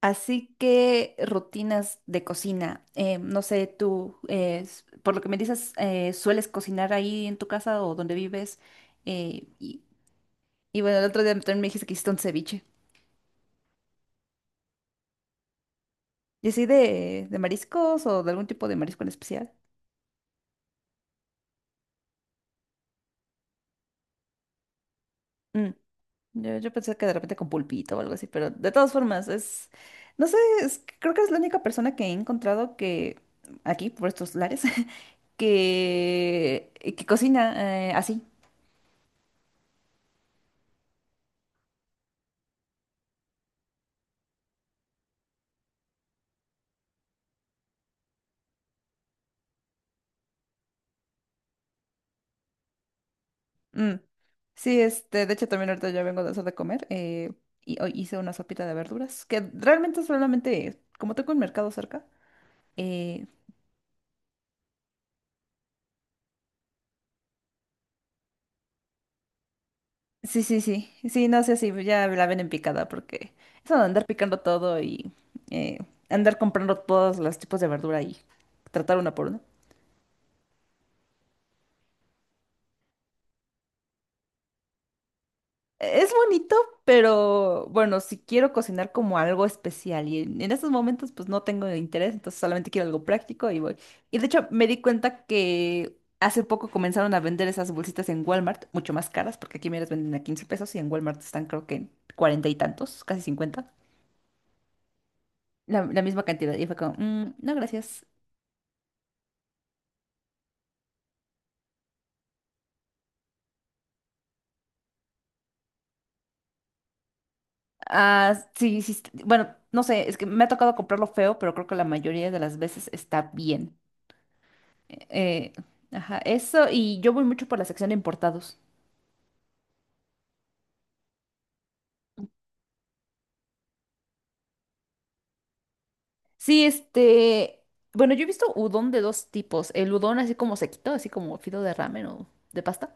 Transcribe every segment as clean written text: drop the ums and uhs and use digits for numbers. Así que rutinas de cocina. No sé, tú, por lo que me dices, ¿sueles cocinar ahí en tu casa o donde vives? Eh, y, y bueno, el otro día también me dijiste que hiciste un ceviche. ¿Y así de mariscos o de algún tipo de marisco en especial? Mm, yo pensé que de repente con pulpito o algo así, pero de todas formas, es, no sé, creo que es la única persona que he encontrado que, aquí, por estos lares, que cocina así. Mm. Sí, este, de hecho también ahorita ya vengo de hacer de comer y hoy hice una sopita de verduras que realmente solamente, como tengo un mercado cerca, eh, sí, sí, sí, sí, no sé si ya la ven en picada porque eso de andar picando todo y eh, andar comprando todos los tipos de verdura y tratar una por una. Es bonito, pero bueno, si quiero cocinar como algo especial en estos momentos pues no tengo interés, entonces solamente quiero algo práctico y voy. Y de hecho me di cuenta que hace poco comenzaron a vender esas bolsitas en Walmart, mucho más caras, porque aquí me las venden a 15 pesos y en Walmart están creo que en 40 y tantos, casi 50, la misma cantidad. Y fue como: "Mm, no, gracias. Ah, sí, sí, bueno, no sé, es que me ha tocado comprarlo feo, pero creo que la mayoría de las veces está bien. Eh, ajá, eso, y yo voy mucho por la sección de importados. Sí, este, bueno, yo he visto udon de dos tipos. El udon así como sequito, así como fido de ramen o de pasta.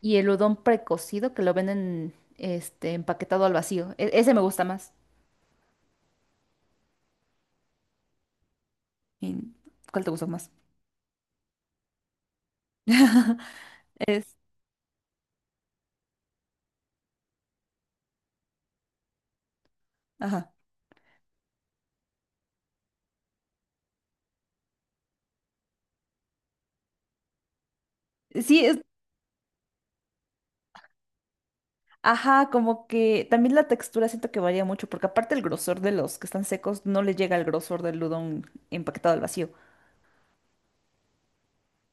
Y el udon precocido que lo venden, este, empaquetado al vacío. Ese me gusta más. ¿Y cuál te gusta más? Es, ajá. Sí, es, ajá, como que también la textura siento que varía mucho, porque aparte el grosor de los que están secos no le llega al grosor del udon empaquetado al vacío.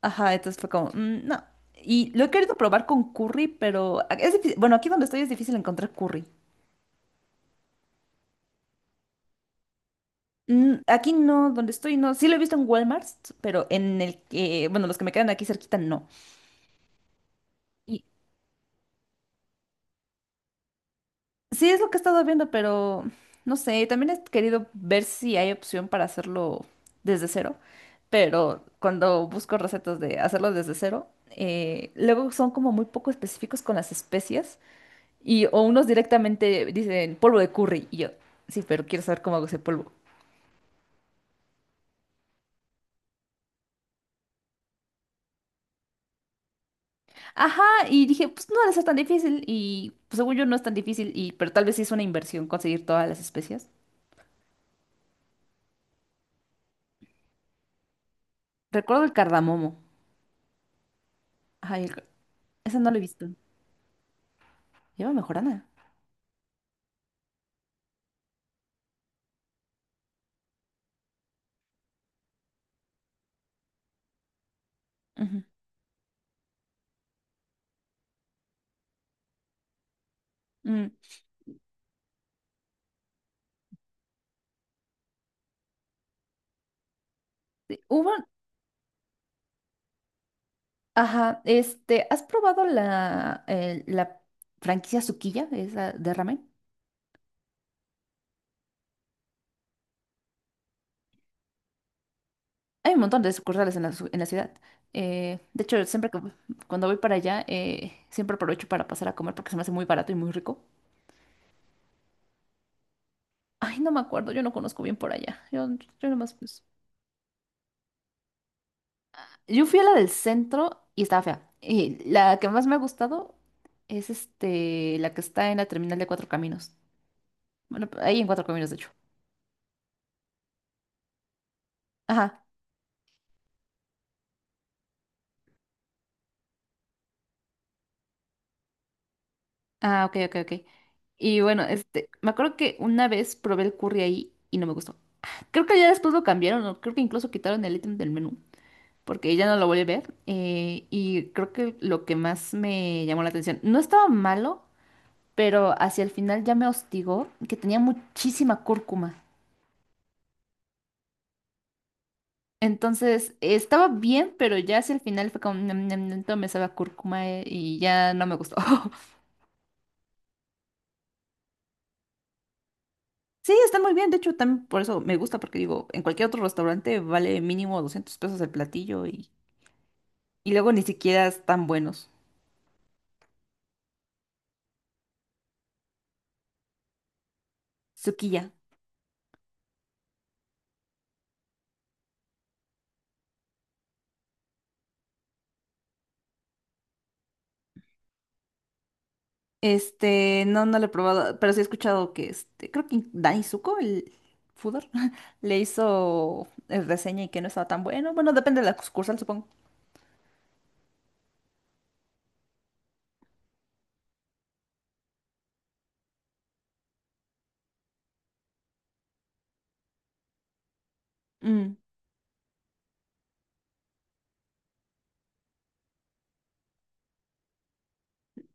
Ajá, entonces fue como: "Mm, no". Y lo he querido probar con curry, pero es difícil. Bueno, aquí donde estoy es difícil encontrar curry. Mm, aquí no, donde estoy no. Sí lo he visto en Walmart, pero en el que, bueno, los que me quedan aquí cerquita no. Y sí es lo que he estado viendo, pero no sé, también he querido ver si hay opción para hacerlo desde cero. Pero cuando busco recetas de hacerlo desde cero, luego son como muy poco específicos con las especias. Y o unos directamente dicen polvo de curry. Y yo, sí, pero quiero saber cómo hago ese polvo. Ajá, y dije, pues no debe ser tan difícil. Y pues, según yo no es tan difícil, y, pero tal vez sí es una inversión conseguir todas las especias. Recuerdo el cardamomo. Ajá, y el ese no lo he visto. Lleva mejorana. Ujú. Mm. Sí, hubo, ajá, este, ¿has probado la, la franquicia Sukiya, esa de ramen? Hay un montón de sucursales en la, en la ciudad. De hecho, siempre que cuando voy para allá, siempre aprovecho para pasar a comer porque se me hace muy barato y muy rico. Ay, no me acuerdo, yo no conozco bien por allá. Yo nomás, pues. Yo fui a la del centro y estaba fea. Y la que más me ha gustado es este, la que está en la terminal de Cuatro Caminos. Bueno, ahí en Cuatro Caminos, de hecho. Ajá. Ah, ok, ok, ok. Y bueno, este, me acuerdo que una vez probé el curry ahí y no me gustó. Creo que ya después lo cambiaron, o creo que incluso quitaron el ítem del menú. Porque ella no lo vuelve a ver. Y creo que lo que más me llamó la atención, no estaba malo, pero hacia el final ya me hostigó que tenía muchísima cúrcuma. Entonces estaba bien, pero ya hacia el final fue como: "Nam, nam, nam", todo me sabe a cúrcuma, y ya no me gustó. Sí, está muy bien. De hecho, también por eso me gusta, porque digo, en cualquier otro restaurante vale mínimo 200 pesos el platillo y luego ni siquiera están buenos. Sukiya. Este, no, no lo he probado, pero sí he escuchado que este, creo que Dani Zuko, el Fudor, le hizo reseña y que no estaba tan bueno. Bueno, depende de la sucursal, supongo. Mm.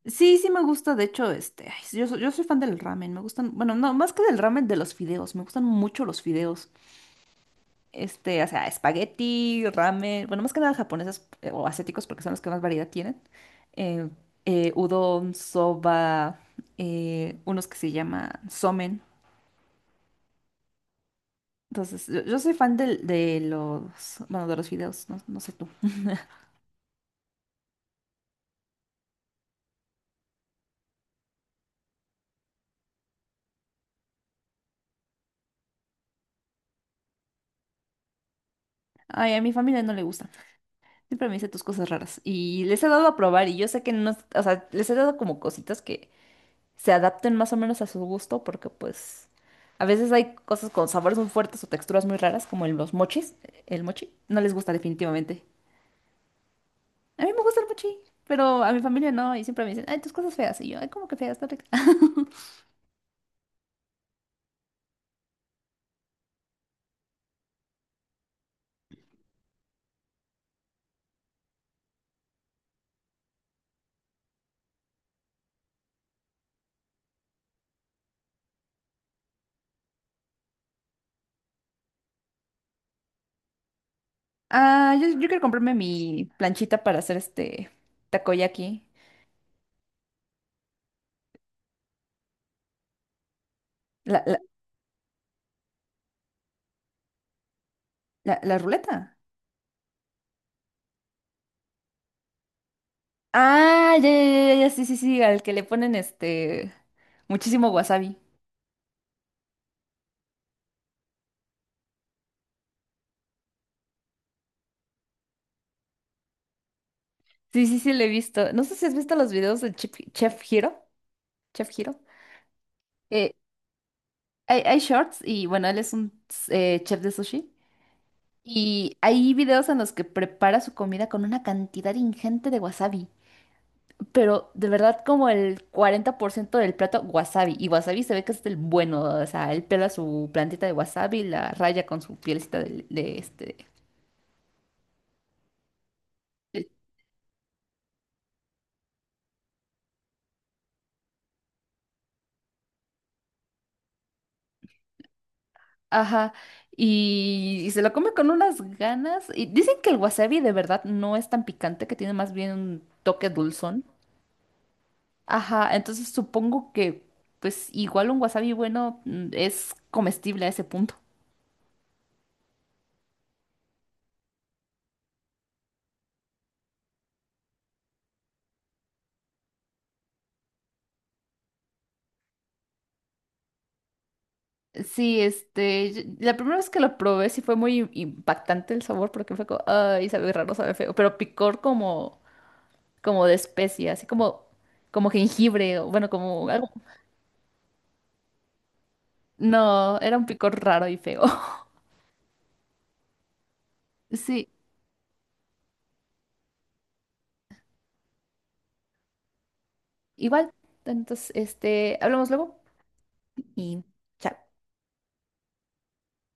Sí, sí me gusta, de hecho, este, ay, yo soy fan del ramen, me gustan, bueno, no, más que del ramen, de los fideos, me gustan mucho los fideos. Este, o sea, espagueti, ramen, bueno, más que nada japoneses o asiáticos porque son los que más variedad tienen. Eh, Udon, soba, unos que se llaman somen. Entonces, yo soy fan los, bueno, de los fideos no, no sé tú. Ay, a mi familia no le gusta. Siempre me dice tus cosas raras. Y les he dado a probar y yo sé que no, o sea, les he dado como cositas que se adapten más o menos a su gusto porque pues a veces hay cosas con sabores muy fuertes o texturas muy raras como en los mochis, el mochi, no les gusta definitivamente. A mí me gusta el mochi, pero a mi familia no y siempre me dicen: "Ay, tus cosas feas". Y yo: "Ay, ¿cómo que feas? Está rica". Ah, yo quiero comprarme mi planchita para hacer este takoyaki. La, la, la ruleta. Ah, ya, ya, ya, ya, sí, sí, sí, al que le ponen este muchísimo wasabi. Sí, sí, sí, lo he visto. No sé si has visto los videos del Chef Hiro. Chef Hiro. Eh, hay, hay shorts y bueno, él es un chef de sushi. Y hay videos en los que prepara su comida con una cantidad ingente de wasabi. Pero de verdad como el 40 por ciento del plato wasabi. Y wasabi se ve que es el bueno. O sea, él pela su plantita de wasabi, la raya con su pielecita de este Eh, ajá, y se lo come con unas ganas. Y dicen que el wasabi de verdad no es tan picante, que tiene más bien un toque dulzón. Ajá, entonces supongo que pues igual un wasabi bueno, mm, es comestible a ese punto. Sí, este, la primera vez que lo probé sí fue muy impactante el sabor porque fue como: "Ay, sabe raro, sabe feo", pero picor como, como de especia, así como, como jengibre, o bueno, como algo. No, era un picor raro y feo. Sí. Igual, entonces, este, hablamos luego y chao.